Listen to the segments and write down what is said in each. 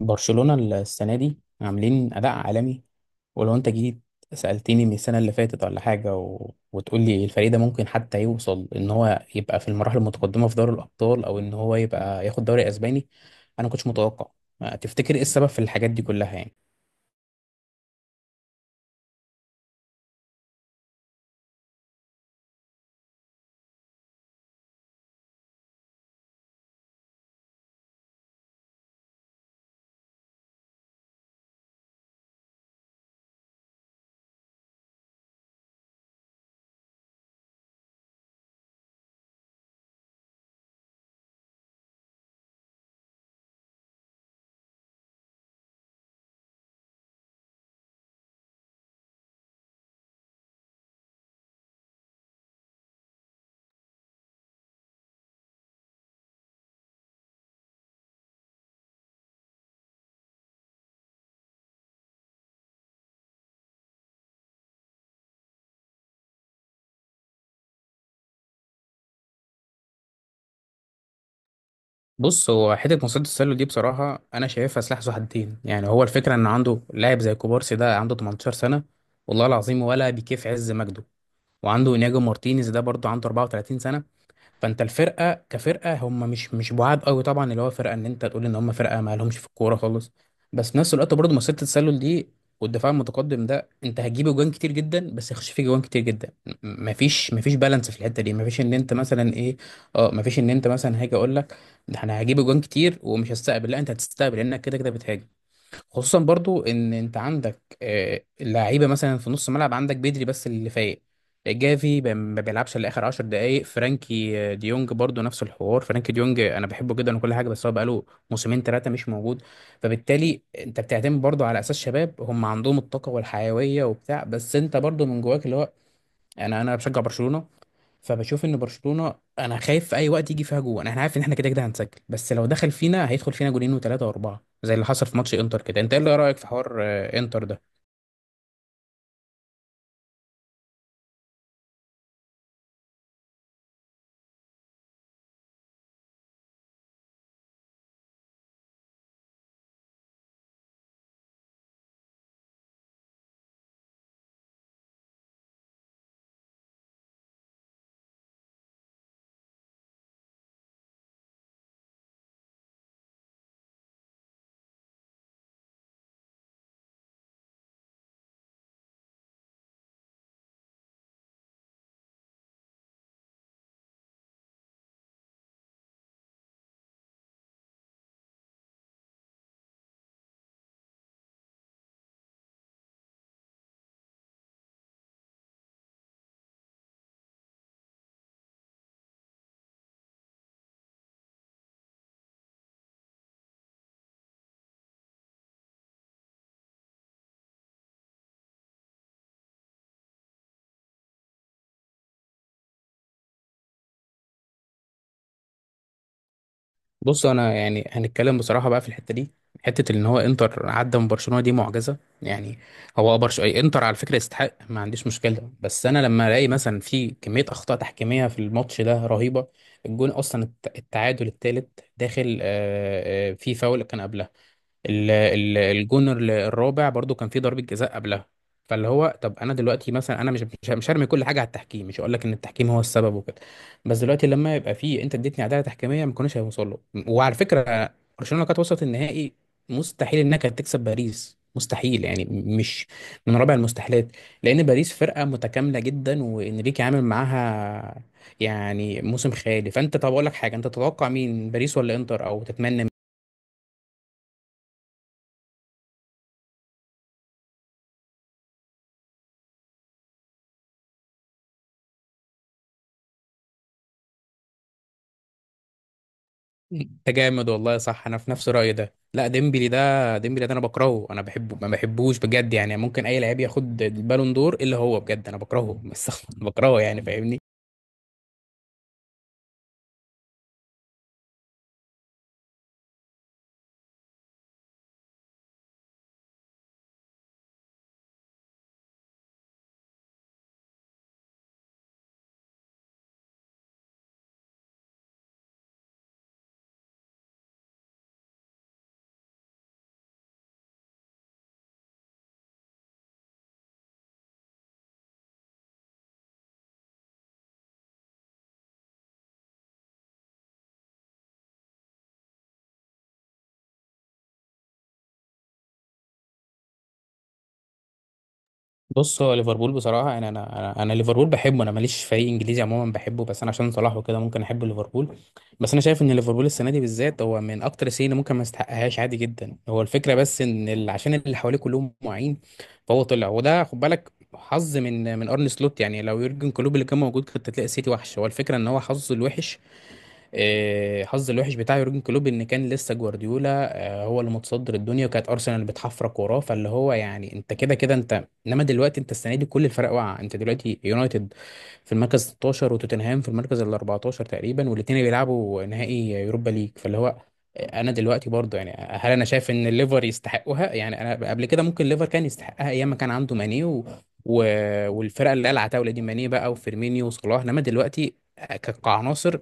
برشلونة السنة دي عاملين أداء عالمي. ولو أنت جيت سألتني من السنة اللي فاتت ولا حاجة و... وتقول لي الفريق ده ممكن حتى يوصل إن هو يبقى في المراحل المتقدمة في دوري الأبطال أو إن هو يبقى ياخد دوري أسباني، أنا كنتش متوقع. تفتكر إيه السبب في الحاجات دي كلها يعني؟ بص، هو حتة مصيدة التسلل دي بصراحة أنا شايفها سلاح ذو حدين، يعني هو الفكرة إن عنده لاعب زي كوبارسي ده عنده 18 سنة، والله العظيم ولا بيكيف عز مجده. وعنده إنياجو مارتينيز ده برضه عنده 34 سنة. فانت الفرقه كفرقه هم مش بعاد قوي طبعا، اللي هو فرقه ان انت تقول ان هم فرقه ما لهمش في الكوره خالص. بس في نفس الوقت برضه مسيره التسلل دي والدفاع المتقدم ده، انت هتجيب جوان كتير جدا بس هيخش فيه جوان كتير جدا. مفيش بالانس في الحته دي، مفيش ان انت مثلا ايه اه مفيش ان انت مثلا هاجي اقول لك ده انا هجيب جوان كتير ومش هستقبل، لا انت هتستقبل لانك كده كده بتهاجم. خصوصا برضو ان انت عندك اللعيبه مثلا في نص ملعب، عندك بدري بس اللي فايق. جافي ما بيلعبش الا اخر 10 دقائق. فرانكي ديونج برضو نفس الحوار. فرانكي ديونج انا بحبه جدا وكل حاجه، بس هو بقاله موسمين ثلاثه مش موجود. فبالتالي انت بتعتمد برضو على اساس شباب، هم عندهم الطاقه والحيويه وبتاع، بس انت برضو من جواك اللي هو انا بشجع برشلونه. فبشوف ان برشلونه انا خايف في اي وقت يجي فيها جون، احنا عارف ان احنا كده كده هنسجل، بس لو دخل فينا هيدخل فينا جونين وثلاثه واربعه زي اللي حصل في ماتش انتر كده. انت ايه اللي رايك في حوار انتر ده؟ بص انا يعني هنتكلم بصراحه بقى في الحته دي، حته ان هو انتر عدى من برشلونه دي معجزه. يعني هو انتر على فكره يستحق، ما عنديش مشكله، بس انا لما الاقي مثلا في كميه اخطاء تحكيميه في الماتش ده رهيبه. الجون اصلا التعادل الثالث داخل في فاول كان قبلها. الجون الرابع برضو كان فيه ضربة جزاء قبلها. فاللي هو طب انا دلوقتي مثلا انا مش هرمي كل حاجه على التحكيم، مش هقول لك ان التحكيم هو السبب وكده، بس دلوقتي لما يبقى فيه انت اديتني عداله تحكيميه ما كناش هيوصل له. وعلى فكره برشلونه لو كانت وصلت النهائي، مستحيل انها كانت تكسب باريس، مستحيل يعني، مش من رابع المستحيلات، لان باريس فرقه متكامله جدا، وانريكي عامل معاها يعني موسم خيالي. فانت طب اقول لك حاجه، انت تتوقع مين، باريس ولا انتر، او تتمنى؟ انت جامد، والله صح، انا في نفس رايي ده. لا ديمبلي ده، ديمبلي ده انا بكرهه، انا بحبه ما بحبوش بجد يعني، ممكن اي لعيب ياخد البالون دور الا هو بجد، انا بكرهه بس بكرهه يعني، فاهمني. بص هو ليفربول بصراحه يعني، انا ليفربول بحبه. انا ماليش فريق انجليزي عموما بحبه، بس انا عشان صلاح وكده ممكن احب ليفربول. بس انا شايف ان ليفربول السنه دي بالذات هو من اكتر السنين اللي ممكن ما يستحقهاش، عادي جدا. هو الفكره بس ان عشان اللي حواليه كلهم معين، فهو طلع، وده خد بالك حظ من ارن سلوت. يعني لو يورجن كلوب اللي كان موجود كنت هتلاقي السيتي وحش. هو الفكره ان هو حظه الوحش، حظ الوحش بتاع يورجن كلوب ان كان لسه جوارديولا هو اللي متصدر الدنيا، وكانت ارسنال بتحفرك وراه. فاللي هو يعني انت كده كده انت، انما دلوقتي انت السنه دي كل الفرق واقعه. انت دلوقتي يونايتد في المركز 16 وتوتنهام في المركز ال 14 تقريبا، والاثنين بيلعبوا نهائي يوروبا ليج. فاللي هو انا دلوقتي برضه يعني هل انا شايف ان الليفر يستحقها؟ يعني انا قبل كده ممكن الليفر كان يستحقها ايام ما كان عنده ماني و... و... والفرقه اللي قلعت عتاوله دي، ماني بقى وفيرمينيو وصلاح. انما دلوقتي كعناصر،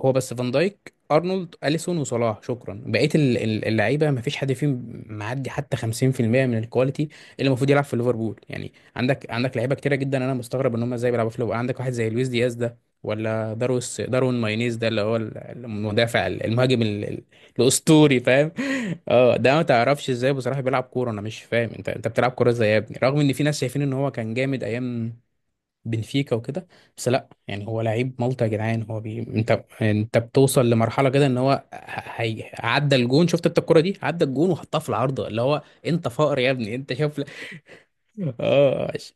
هو بس فان دايك ارنولد اليسون وصلاح، شكرا. بقيه اللعيبه ما فيش حد فيهم معدي حتى 50% من الكواليتي اللي المفروض يلعب في ليفربول. يعني عندك لعيبه كتيره جدا، انا مستغرب ان هم ازاي بيلعبوا في ليفربول. عندك واحد زي لويس دياز ده، ولا داروين ماينيز ده اللي هو المدافع المهاجم الاسطوري، فاهم؟ اه ده ما تعرفش ازاي بصراحه بيلعب كوره، انا مش فاهم انت بتلعب كوره ازاي يا ابني، رغم ان في ناس شايفين ان هو كان جامد ايام بنفيكا وكده. بس لا يعني هو لعيب مالطا يا جدعان. انت بتوصل لمرحله كده ان هو عدى الجون، شفت انت الكره دي عدى الجون وحطها في العارضه، اللي هو انت فقر يا ابني، انت شوف لك اه ش-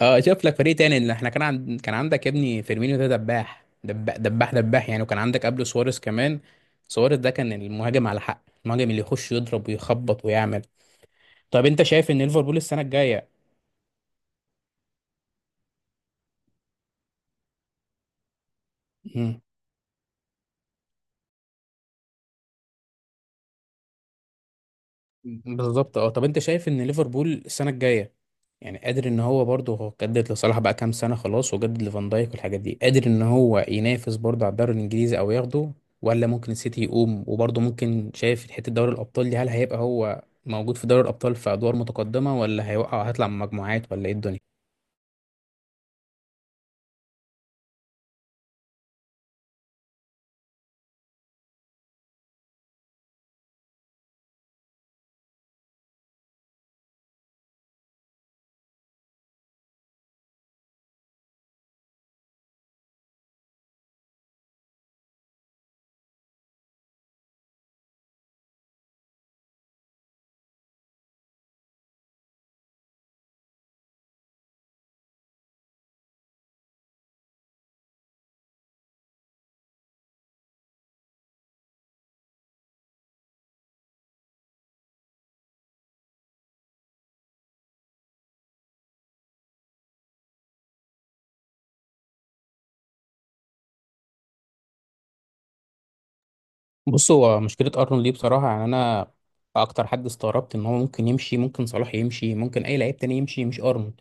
اه شوف لك فريق تاني. ان احنا كان عندك يا ابني فيرمينيو ده، دباح دباح دباح دباح يعني، وكان عندك قبله سواريز كمان. سواريز ده كان المهاجم على حق، المهاجم اللي يخش يضرب ويخبط ويعمل. طب انت شايف ان ليفربول السنه الجايه، بالظبط، اه، طب انت شايف ان ليفربول السنه الجايه يعني قادر ان هو برضه، هو جدد لصلاح بقى كام سنه خلاص، وجدد لفان دايك والحاجات دي، قادر ان هو ينافس برضه على الدوري الانجليزي او ياخده؟ ولا ممكن السيتي يقوم؟ وبرضه ممكن شايف حته دوري الابطال دي، هل هيبقى هو موجود في دوري الابطال في ادوار متقدمه، ولا هيوقع هيطلع من مجموعات، ولا ايه الدنيا؟ بص هو مشكله ارنولد دي بصراحه يعني، انا اكتر حد استغربت ان هو ممكن يمشي، ممكن صلاح يمشي، ممكن اي لعيب تاني يمشي، مش ارنولد.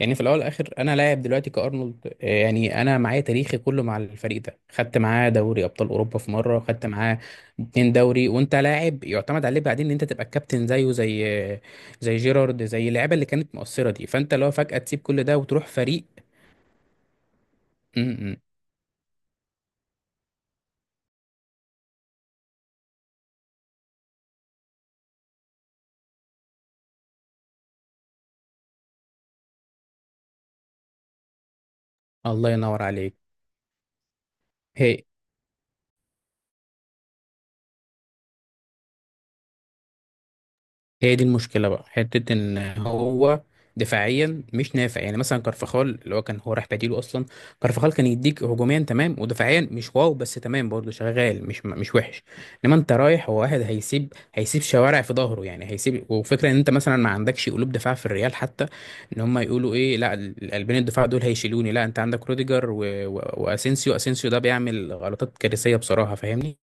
يعني في الاول والاخر انا لاعب دلوقتي كارنولد يعني انا معايا تاريخي كله مع الفريق ده، خدت معاه دوري ابطال اوروبا في مره، خدت معاه اتنين دوري، وانت لاعب يعتمد عليه، بعدين ان انت تبقى الكابتن زيه، زي جيرارد، زي اللعيبه اللي كانت مؤثره دي. فانت لو فجاه تسيب كل ده وتروح فريق م -م. الله ينور عليك. هي هي دي المشكله بقى، حته ان هو دفاعيا مش نافع. يعني مثلا كارفخال اللي هو كان هو راح بديله اصلا، كارفخال كان يديك هجوميا تمام ودفاعيا مش واو، بس تمام، برضه شغال مش وحش. انما انت رايح، هو واحد هيسيب شوارع في ظهره. يعني هيسيب، وفكره ان انت مثلا ما عندكش قلوب دفاع في الريال حتى، ان هم يقولوا ايه، لا القلبين الدفاع دول هيشيلوني، لا انت عندك روديجر و... و... واسينسيو اسينسيو ده بيعمل غلطات كارثيه بصراحه، فاهمني.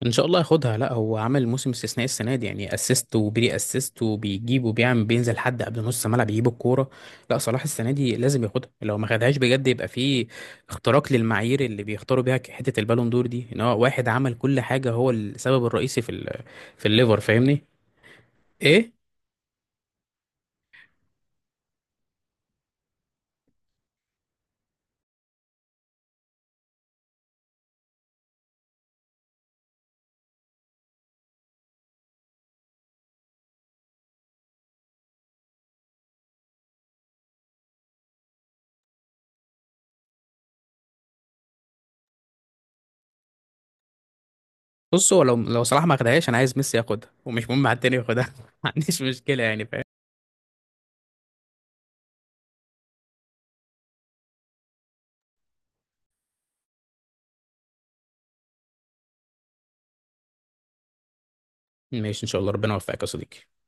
ان شاء الله ياخدها، لا هو عمل موسم استثنائي السنه دي يعني، اسيست وبري اسيست، وبيجيب وبيعمل، بينزل حد قبل نص ملعب يجيب الكوره. لا صلاح السنه دي لازم ياخدها، لو ما خدهاش بجد يبقى في اختراق للمعايير اللي بيختاروا بيها حته البالون دور دي، ان هو واحد عمل كل حاجه، هو السبب الرئيسي في الليفر، فاهمني؟ ايه، بص هو لو صلاح ما خدهاش انا عايز ميسي ياخدها، ومش مهم حد تاني ياخدها ما عنديش مشكله يعني، فاهم. ماشي، ان شاء الله ربنا يوفقك يا صديقي.